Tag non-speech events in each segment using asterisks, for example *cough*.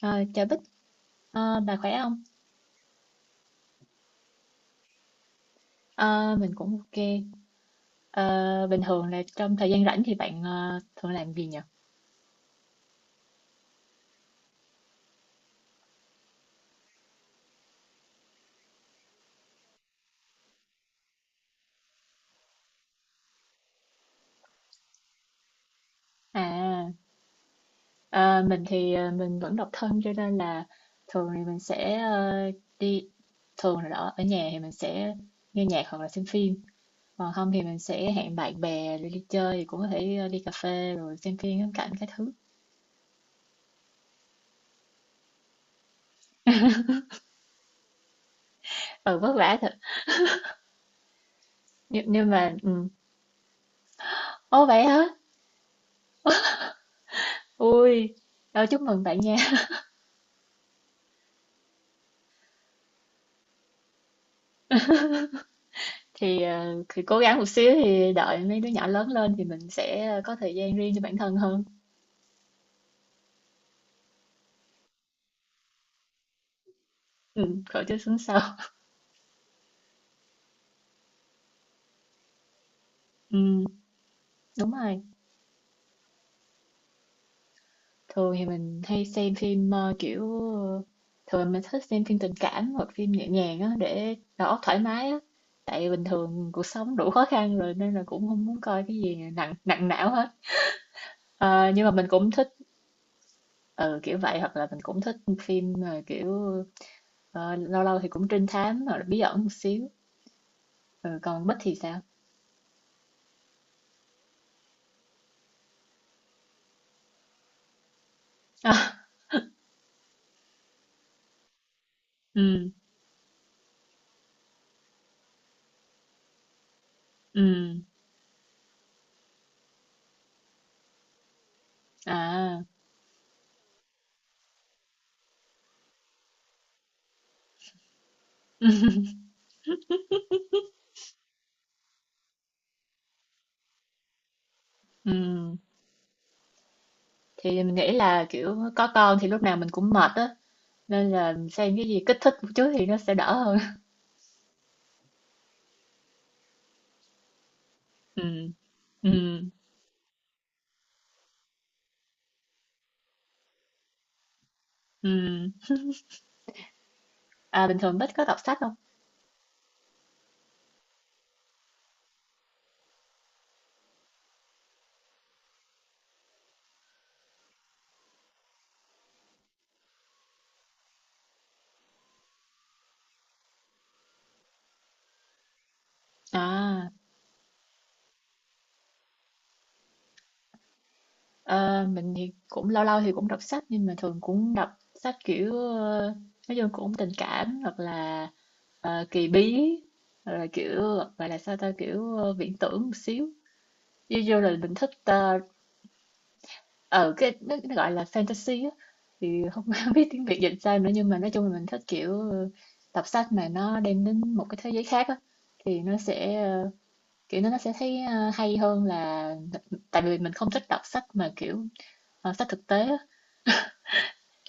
Ờ, chào Bích. Bà khỏe không? Ờ, mình cũng ok. Ờ, Bình thường là trong thời gian rảnh thì bạn thường làm gì nhỉ? À, ờ, mình thì mình vẫn độc thân, cho nên là thường thì mình sẽ đi, thường là đó, ở nhà thì mình sẽ nghe nhạc hoặc là xem phim. Còn không thì mình sẽ hẹn bạn bè đi chơi, thì cũng có thể đi cà phê rồi xem phim, ngắm cảnh các thứ. Ờ, vất vả thật. Nhưng mà ừ. Ồ vậy hả? Ui, chúc mừng bạn nha. Thì cố gắng một xíu thì đợi mấy đứa nhỏ lớn lên thì mình sẽ có thời gian riêng cho bản thân hơn. Khỏi chơi xuống sau. Ừm, đúng rồi. Thường thì mình hay xem phim kiểu, thường mình thích xem phim tình cảm hoặc phim nhẹ nhàng á, để đầu óc thoải mái á. Tại bình thường cuộc sống đủ khó khăn rồi nên là cũng không muốn coi cái gì nặng nặng não hết. Ờ, nhưng mà mình cũng thích ừ, kiểu vậy, hoặc là mình cũng thích phim mà kiểu ờ, lâu lâu thì cũng trinh thám hoặc là bí ẩn một xíu. Ừ, còn Bích thì sao? Ừ, ừ, à, *laughs* ừ. Thì mình nghĩ là kiểu có con thì lúc nào mình cũng mệt á, nên là xem cái gì kích thích một chút thì nó sẽ đỡ hơn. *laughs* Ừ, ừ, ừ. À, bình thường Bích có đọc sách không? À, ờ, mình thì cũng lâu lâu thì cũng đọc sách, nhưng mà thường cũng đọc sách kiểu nói chung cũng tình cảm, hoặc là kỳ bí, hoặc là kiểu gọi là sao ta, kiểu viễn tưởng một xíu. Ví dụ là mình thích ờ cái nó gọi là fantasy á, thì không, *laughs* biết tiếng Việt dịch sao nữa, nhưng mà nói chung là mình thích kiểu đọc sách mà nó đem đến một cái thế giới khác á, thì nó sẽ kiểu nó sẽ thấy hay hơn, là tại vì mình không thích đọc sách mà kiểu sách thực tế á,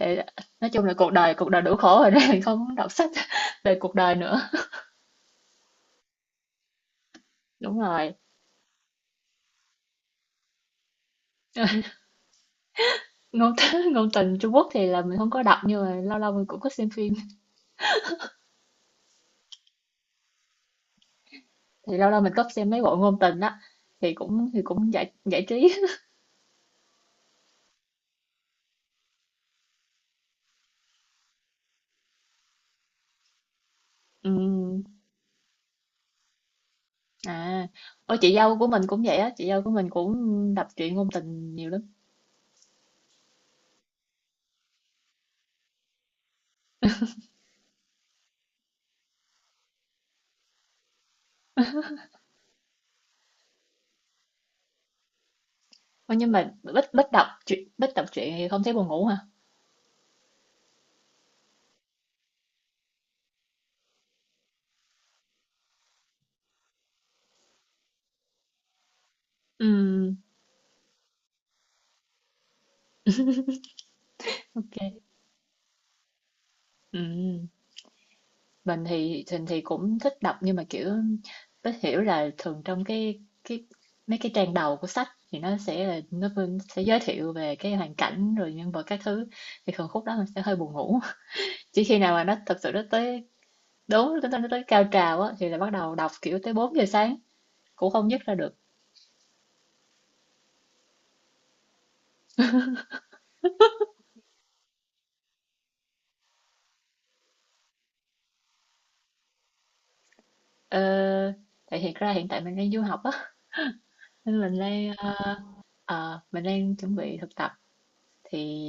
tại nói chung là cuộc đời đủ khổ rồi nên *laughs* mình không muốn đọc sách *laughs* về cuộc đời nữa. Đúng rồi. *laughs* ngôn *laughs* ngôn tình Trung Quốc thì là mình không có đọc, nhưng mà lâu lâu mình cũng có xem phim, thì lâu lâu mình có xem mấy bộ ngôn tình đó, thì cũng giải giải trí. Ừ. À, ôi chị dâu của mình cũng vậy á, chị dâu của mình cũng đọc truyện ngôn tình nhiều lắm. Ôi, nhưng mà Bích Bích đọc truyện, Bích đọc truyện thì không thấy buồn ngủ hả? Ừ, ok. Ừ. Mình thì cũng thích đọc, nhưng mà kiểu Bích hiểu là thường trong cái mấy cái trang đầu của sách thì nó vẫn sẽ giới thiệu về cái hoàn cảnh rồi nhân vật các thứ, thì thường khúc đó mình sẽ hơi buồn ngủ. Chỉ khi nào mà nó thật sự nó tới, đúng nó tới cao trào á, thì là bắt đầu đọc kiểu tới 4 giờ sáng cũng không dứt ra được. Ờ, tại thiệt ra hiện tại mình đang du học á, nên mình đang mình đang chuẩn bị thực tập, thì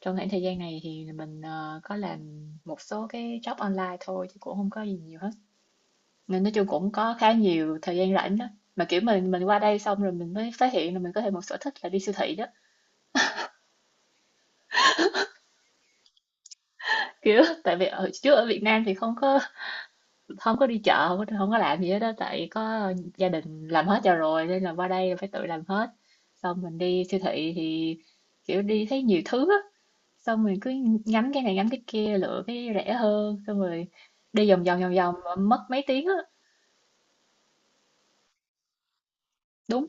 trong khoảng thời gian này thì mình có làm một số cái job online thôi, chứ cũng không có gì nhiều hết. Nên nói chung cũng có khá nhiều thời gian rảnh đó. Mà kiểu mình qua đây xong rồi mình mới phát hiện là mình có thêm một sở thích là đi siêu thị đó. Kiểu tại vì ở trước ở Việt Nam thì không có, không có đi chợ, không có làm gì hết đó, tại có gia đình làm hết cho rồi nên là qua đây phải tự làm hết, xong mình đi siêu thị thì kiểu đi thấy nhiều thứ á, xong mình cứ ngắm cái này ngắm cái kia, lựa cái rẻ hơn, xong rồi đi vòng vòng vòng vòng mà mất mấy tiếng á. Đúng,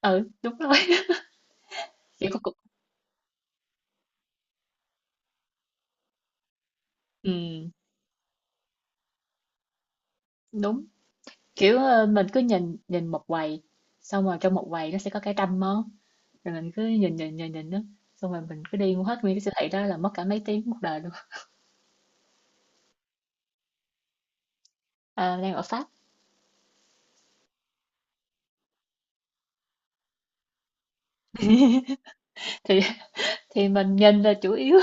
ừ đúng rồi. *laughs* Kiểu có cục ừ đúng, kiểu mình cứ nhìn, nhìn một quầy, xong rồi trong một quầy nó sẽ có cả trăm món, rồi mình cứ nhìn nhìn nhìn nhìn đó, xong rồi mình cứ đi mua hết nguyên cái siêu thị đó là mất cả mấy tiếng một đời luôn. À, đang ở Pháp. Thì mình nhìn là chủ yếu,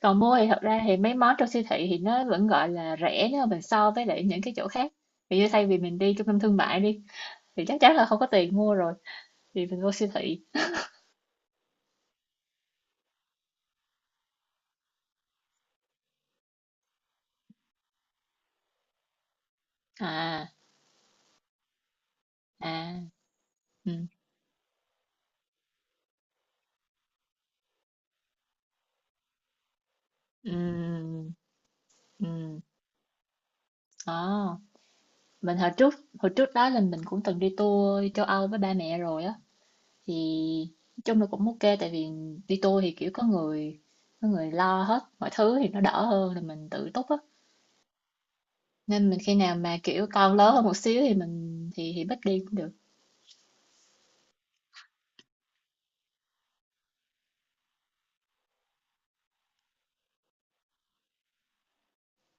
còn mua thì thật ra thì mấy món trong siêu thị thì nó vẫn gọi là rẻ, nếu mà mình so với lại những cái chỗ khác, vì như thay vì mình đi trung tâm thương mại đi thì chắc chắn là không có tiền mua rồi, thì mình vô siêu thị. À, à, ừ, ừ, ừ. Ờ, mình hồi trước, đó là mình cũng từng đi tour châu Âu với ba mẹ rồi á, thì nói chung là cũng ok, tại vì đi tour thì kiểu có người, có người lo hết mọi thứ, thì nó đỡ hơn là mình tự túc á, nên mình khi nào mà kiểu con lớn hơn một xíu thì mình thì bắt đi cũng được.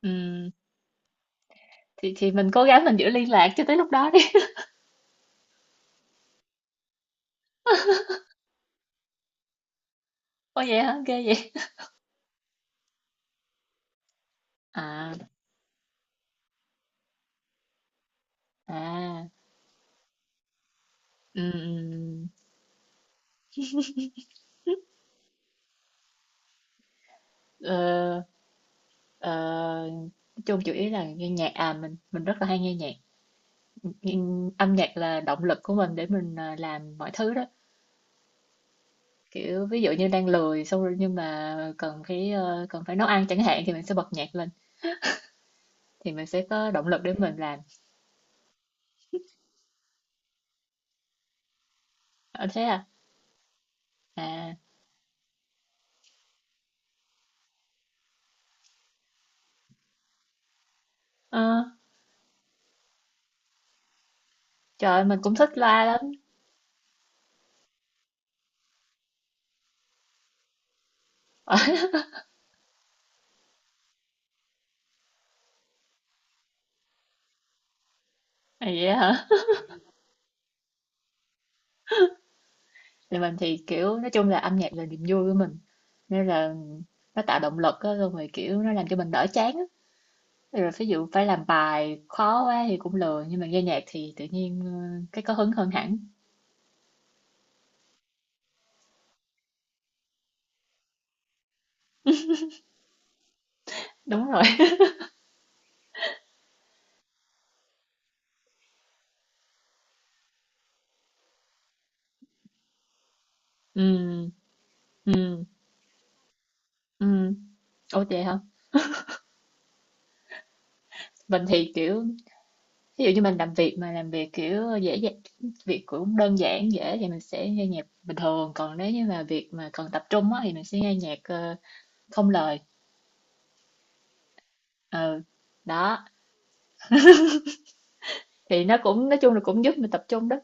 Ừm, thì mình cố gắng mình giữ liên lạc cho tới lúc đó đi. *laughs* Ô vậy hả, ghê vậy. À, à, ừm, ừm. ờ, ờ, nói chung chủ yếu là nghe nhạc, à mình rất là hay nghe nhạc. Nhưng âm nhạc là động lực của mình để mình làm mọi thứ đó. Kiểu ví dụ như đang lười xong rồi nhưng mà cần cái cần phải nấu ăn chẳng hạn, thì mình sẽ bật nhạc lên, thì mình sẽ có động lực để mình làm. Ờ, thế à. À, ờ. Trời ơi, mình cũng thích loa lắm. *laughs* À, vậy hả? Thì mình thì kiểu nói chung là âm nhạc là niềm vui của mình. Nên là nó tạo động lực á, xong rồi kiểu nó làm cho mình đỡ chán á. Rồi ví dụ phải làm bài khó quá thì cũng lười, nhưng mà nghe nhạc thì tự nhiên cái có hứng hơn hẳn. Đúng rồi. *laughs* Ừ, ừ, ừ. Ủa vậy hả? Mình thì kiểu ví dụ như mình làm việc, mà làm việc kiểu dễ dàng, việc cũng đơn giản dễ, thì mình sẽ nghe nhạc bình thường, còn nếu như mà việc mà cần tập trung á thì mình sẽ nghe nhạc không lời. Ừ, đó, thì nó cũng nói chung là cũng giúp mình tập trung đó.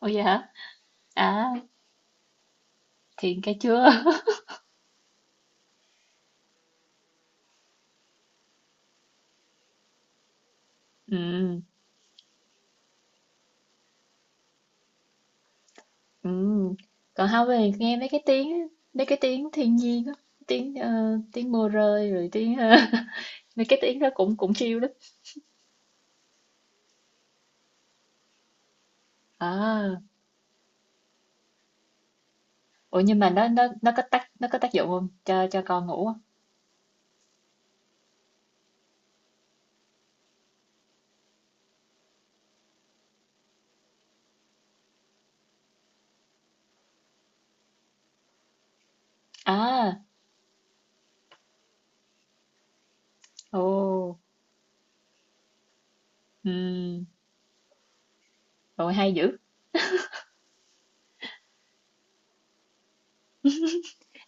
Ôi vậy hả? À, thiền cái chưa. *laughs* Ừ, ừ, còn không thì nghe mấy cái tiếng á, mấy cái tiếng thiên nhiên á, tiếng ờ, tiếng mưa rơi, rồi *laughs* mấy cái tiếng đó cũng cũng chill lắm. À, ủa nhưng mà nó có tác, nó có tác dụng không, cho cho con ngủ không? À, ồ, ừ, rồi hay dữ.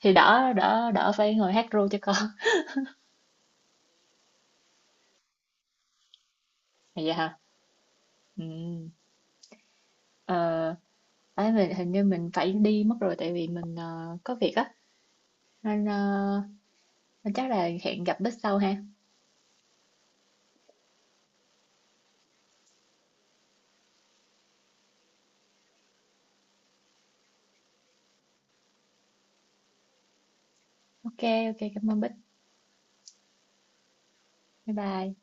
Thì đỡ, đỡ phải ngồi hát ru cho con. *laughs* Vậy hả? Ừ, ờ. Ấy, mình hình như mình phải đi mất rồi, tại vì mình có việc á, nên, ờ, nên chắc là hẹn gặp Bích sau ha. Ok, ok cảm ơn Bích. Bye bye.